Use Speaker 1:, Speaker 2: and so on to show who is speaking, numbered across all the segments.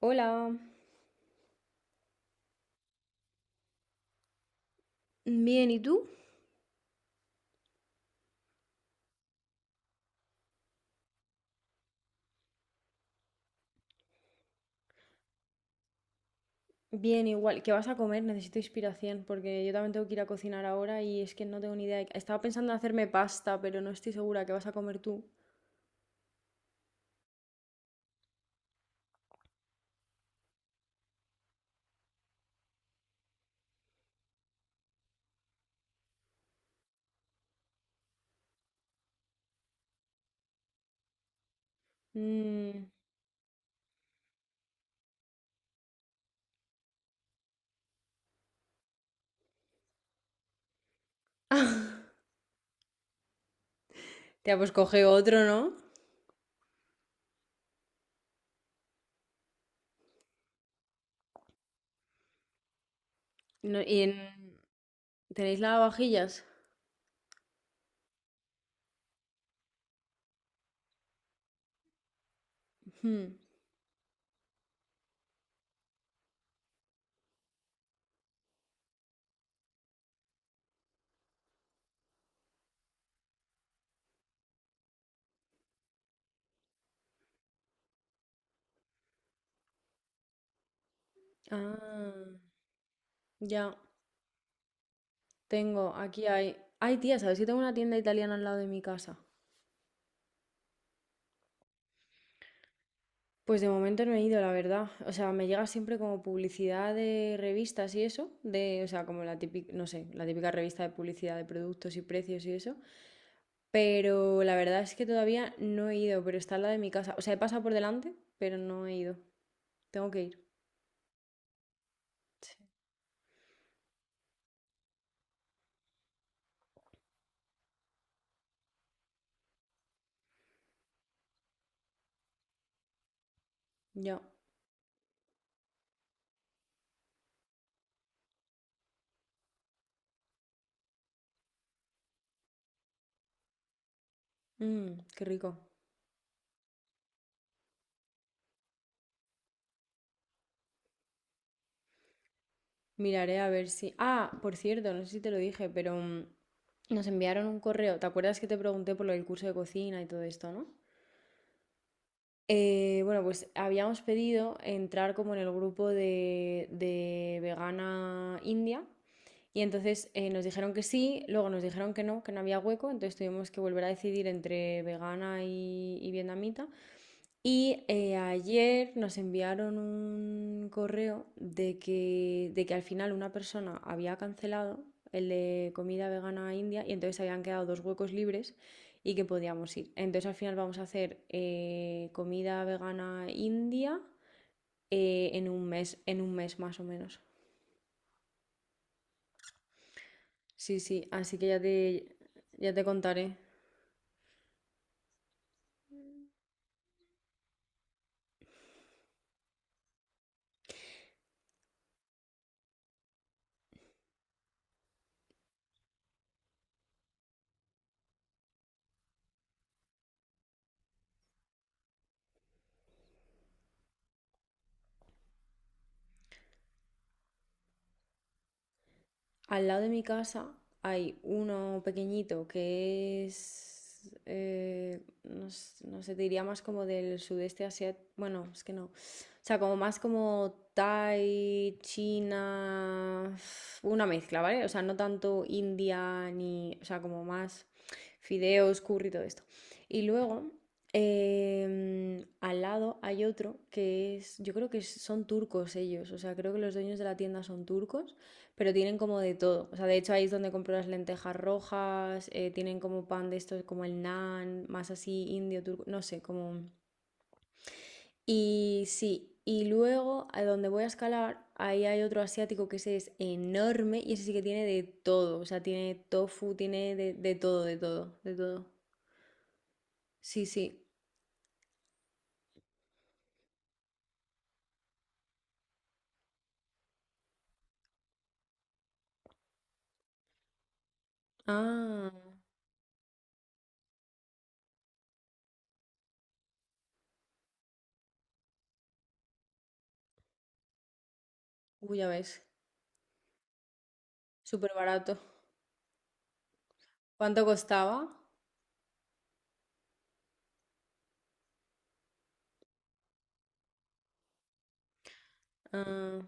Speaker 1: Hola, bien, ¿y tú? Bien, igual, ¿qué vas a comer? Necesito inspiración porque yo también tengo que ir a cocinar ahora y es que no tengo ni idea. Estaba pensando en hacerme pasta, pero no estoy segura qué vas a comer tú. Mmm. Tía, pues coge otro, ¿no? No, ¿y tenéis lavavajillas? Hmm. Ah, ya, aquí hay. Ay, tía, ¿sabes que tengo una tienda italiana al lado de mi casa? Pues de momento no he ido, la verdad. O sea, me llega siempre como publicidad de revistas y eso, o sea, como la típica, no sé, la típica revista de publicidad de productos y precios y eso. Pero la verdad es que todavía no he ido, pero está en la de mi casa. O sea, he pasado por delante, pero no he ido. Tengo que ir. Sí. Ya. Qué rico. Miraré a ver si. Ah, por cierto, no sé si te lo dije, pero nos enviaron un correo. ¿Te acuerdas que te pregunté por lo del curso de cocina y todo esto, no? Bueno, pues habíamos pedido entrar como en el grupo de vegana India y entonces nos dijeron que sí, luego nos dijeron que no había hueco, entonces tuvimos que volver a decidir entre vegana y vietnamita y ayer nos enviaron un correo de que al final una persona había cancelado el de comida vegana india y entonces habían quedado dos huecos libres y que podíamos ir. Entonces al final vamos a hacer comida vegana india en un mes más o menos. Sí, sí, así que ya te contaré. Al lado de mi casa hay uno pequeñito que es, no, no sé, te diría más como del sudeste asiático, bueno, es que no, o sea, como más como Thai, China, una mezcla, ¿vale? O sea, no tanto India ni, o sea, como más fideos, curry, todo esto. Y luego, al lado hay otro que es, yo creo que son turcos ellos, o sea, creo que los dueños de la tienda son turcos, pero tienen como de todo. O sea, de hecho ahí es donde compro las lentejas rojas, tienen como pan de estos, como el naan, más así indio, turco, no sé, como... Y sí, y luego a donde voy a escalar, ahí hay otro asiático que ese es enorme y ese sí que tiene de todo. O sea, tiene tofu, tiene de todo, de todo, de todo. Sí, sí. Ah, uy, ya ves. Súper barato. ¿Cuánto costaba? Ah,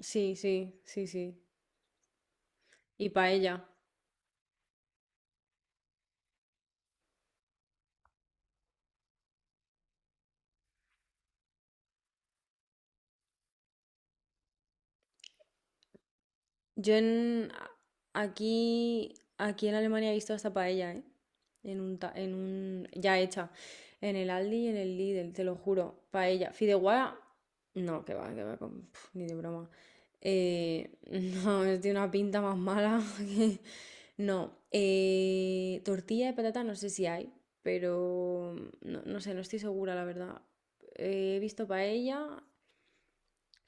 Speaker 1: sí, sí, sí, sí. Y paella. Yo aquí en Alemania he visto hasta paella, ¿eh? En un, ta- en un, Ya hecha. En el Aldi y en el Lidl, te lo juro. Paella. Fideuá, no, que va, ni de broma. Eh, no, es de una pinta más mala que- No. Tortilla de patata no sé si hay, pero no, no sé, no estoy segura, la verdad. He visto paella.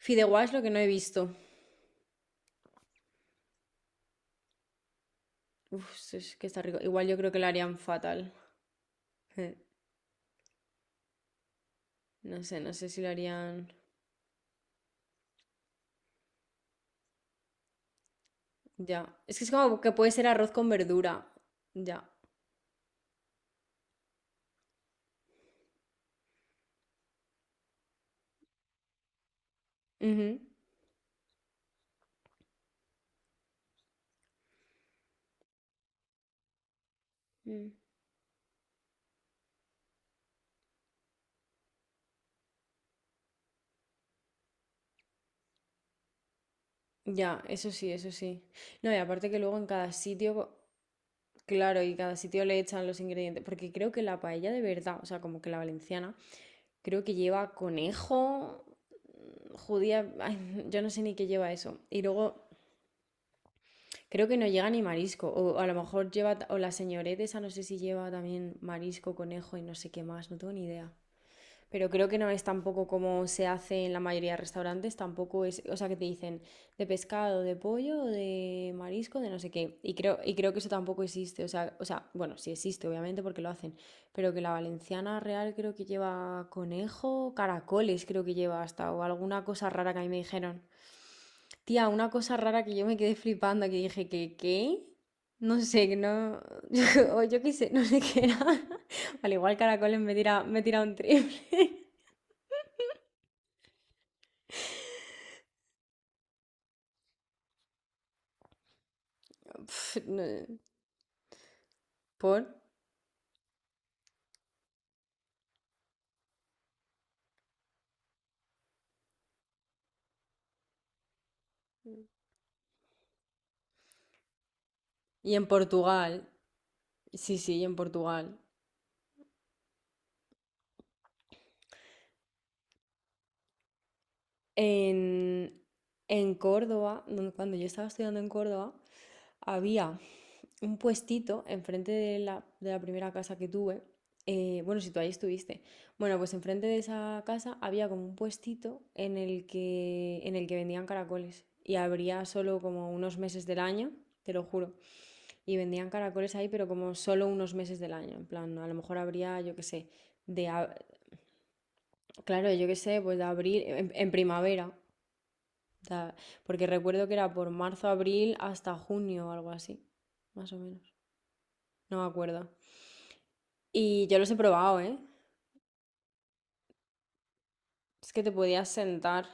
Speaker 1: Fideuá es lo que no he visto. Uf, sí, es que está rico. Igual yo creo que lo harían fatal. Eh, No sé, no sé si lo harían. Ya. Es que es como que puede ser arroz con verdura. Ya. Ujú. Mm. Ya, eso sí, eso sí. No, y aparte que luego en cada sitio, claro, y cada sitio le echan los ingredientes. Porque creo que la paella de verdad, o sea, como que la valenciana, creo que lleva conejo, judía. Ay, yo no sé ni qué lleva eso. Y luego creo que no llega ni marisco. O a lo mejor lleva, o la señorita esa no sé si lleva también marisco, conejo y no sé qué más, no tengo ni idea. Pero creo que no es tampoco como se hace en la mayoría de restaurantes, tampoco es, o sea, que te dicen de pescado, de pollo, de marisco, de no sé qué. Y creo que eso tampoco existe, o sea, bueno, sí existe, obviamente, porque lo hacen, pero que la valenciana real creo que lleva conejo, caracoles creo que lleva hasta, o alguna cosa rara que a mí me dijeron. Tía, una cosa rara que yo me quedé flipando, que dije que, ¿qué? No sé, que no... o yo qué sé, no sé qué era. Al igual caracoles me tira un triple. No- ¿Por? Y en Portugal. Sí, sí, y en Portugal. En, en Córdoba, cuando yo estaba estudiando en Córdoba, había un puestito enfrente de la, primera casa que tuve. Bueno, si tú ahí estuviste. Bueno, pues enfrente de esa casa había como un puestito en el que vendían caracoles. Y habría solo como unos meses del año, te lo juro. Y vendían caracoles ahí, pero como solo unos meses del año. En plan, a lo mejor habría, yo qué sé, de... ab- Claro, yo qué sé, pues de abril, en primavera. O sea, porque recuerdo que era por marzo, abril hasta junio o algo así, más o menos. No me acuerdo. Y yo los he probado, ¿eh? Es que te podías sentar.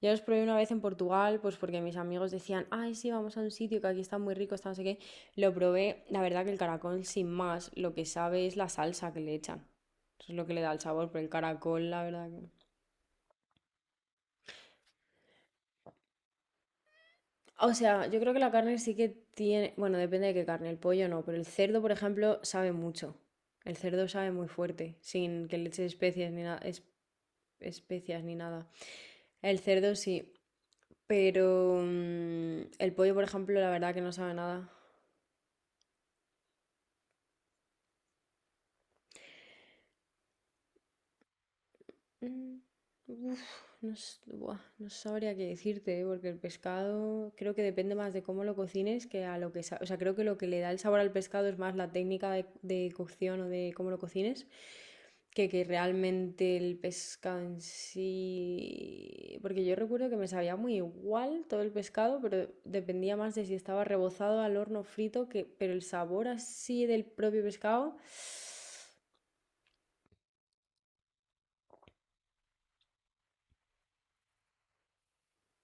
Speaker 1: Yo los probé una vez en Portugal, pues porque mis amigos decían, ay, sí, vamos a un sitio que aquí está muy rico, está no sé qué. Lo probé, la verdad que el caracol sin más, lo que sabe es la salsa que le echan. Eso es lo que le da el sabor, pero el caracol, la verdad que... O sea, yo creo que la carne sí que tiene, bueno, depende de qué carne, el pollo no, pero el cerdo, por ejemplo, sabe mucho. El cerdo sabe muy fuerte, sin que le eches especias ni nada, especias ni nada. El cerdo sí. Pero el pollo, por ejemplo, la verdad que no sabe nada. Mm, Uf, no, buah, no sabría qué decirte, ¿eh? Porque el pescado creo que depende más de cómo lo cocines que a lo que... O sea, creo que lo que le da el sabor al pescado es más la técnica de cocción o de cómo lo cocines que realmente el pescado en sí... Porque yo recuerdo que me sabía muy igual todo el pescado, pero dependía más de si estaba rebozado al horno frito, que... pero el sabor así del propio pescado...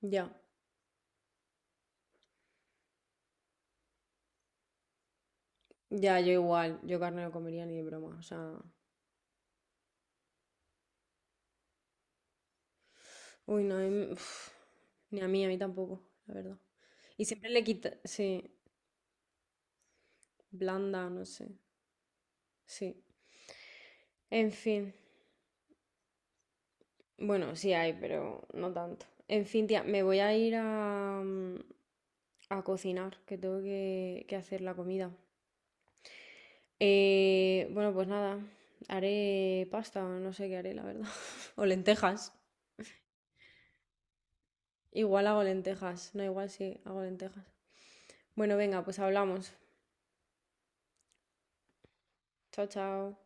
Speaker 1: Ya. Ya, yo igual, yo carne no comería ni de broma, o sea, uy, no, uf, ni a mí, a mí tampoco, la verdad. Y siempre le quita, sí, blanda, no sé, sí. En fin, bueno, sí hay, pero no tanto. En fin, tía, me voy a ir a, a cocinar, que tengo que hacer la comida. Bueno, pues nada, haré pasta, no sé qué haré, la verdad, o lentejas. Igual hago lentejas, no, igual sí, hago lentejas. Bueno, venga, pues hablamos. Chao, chao.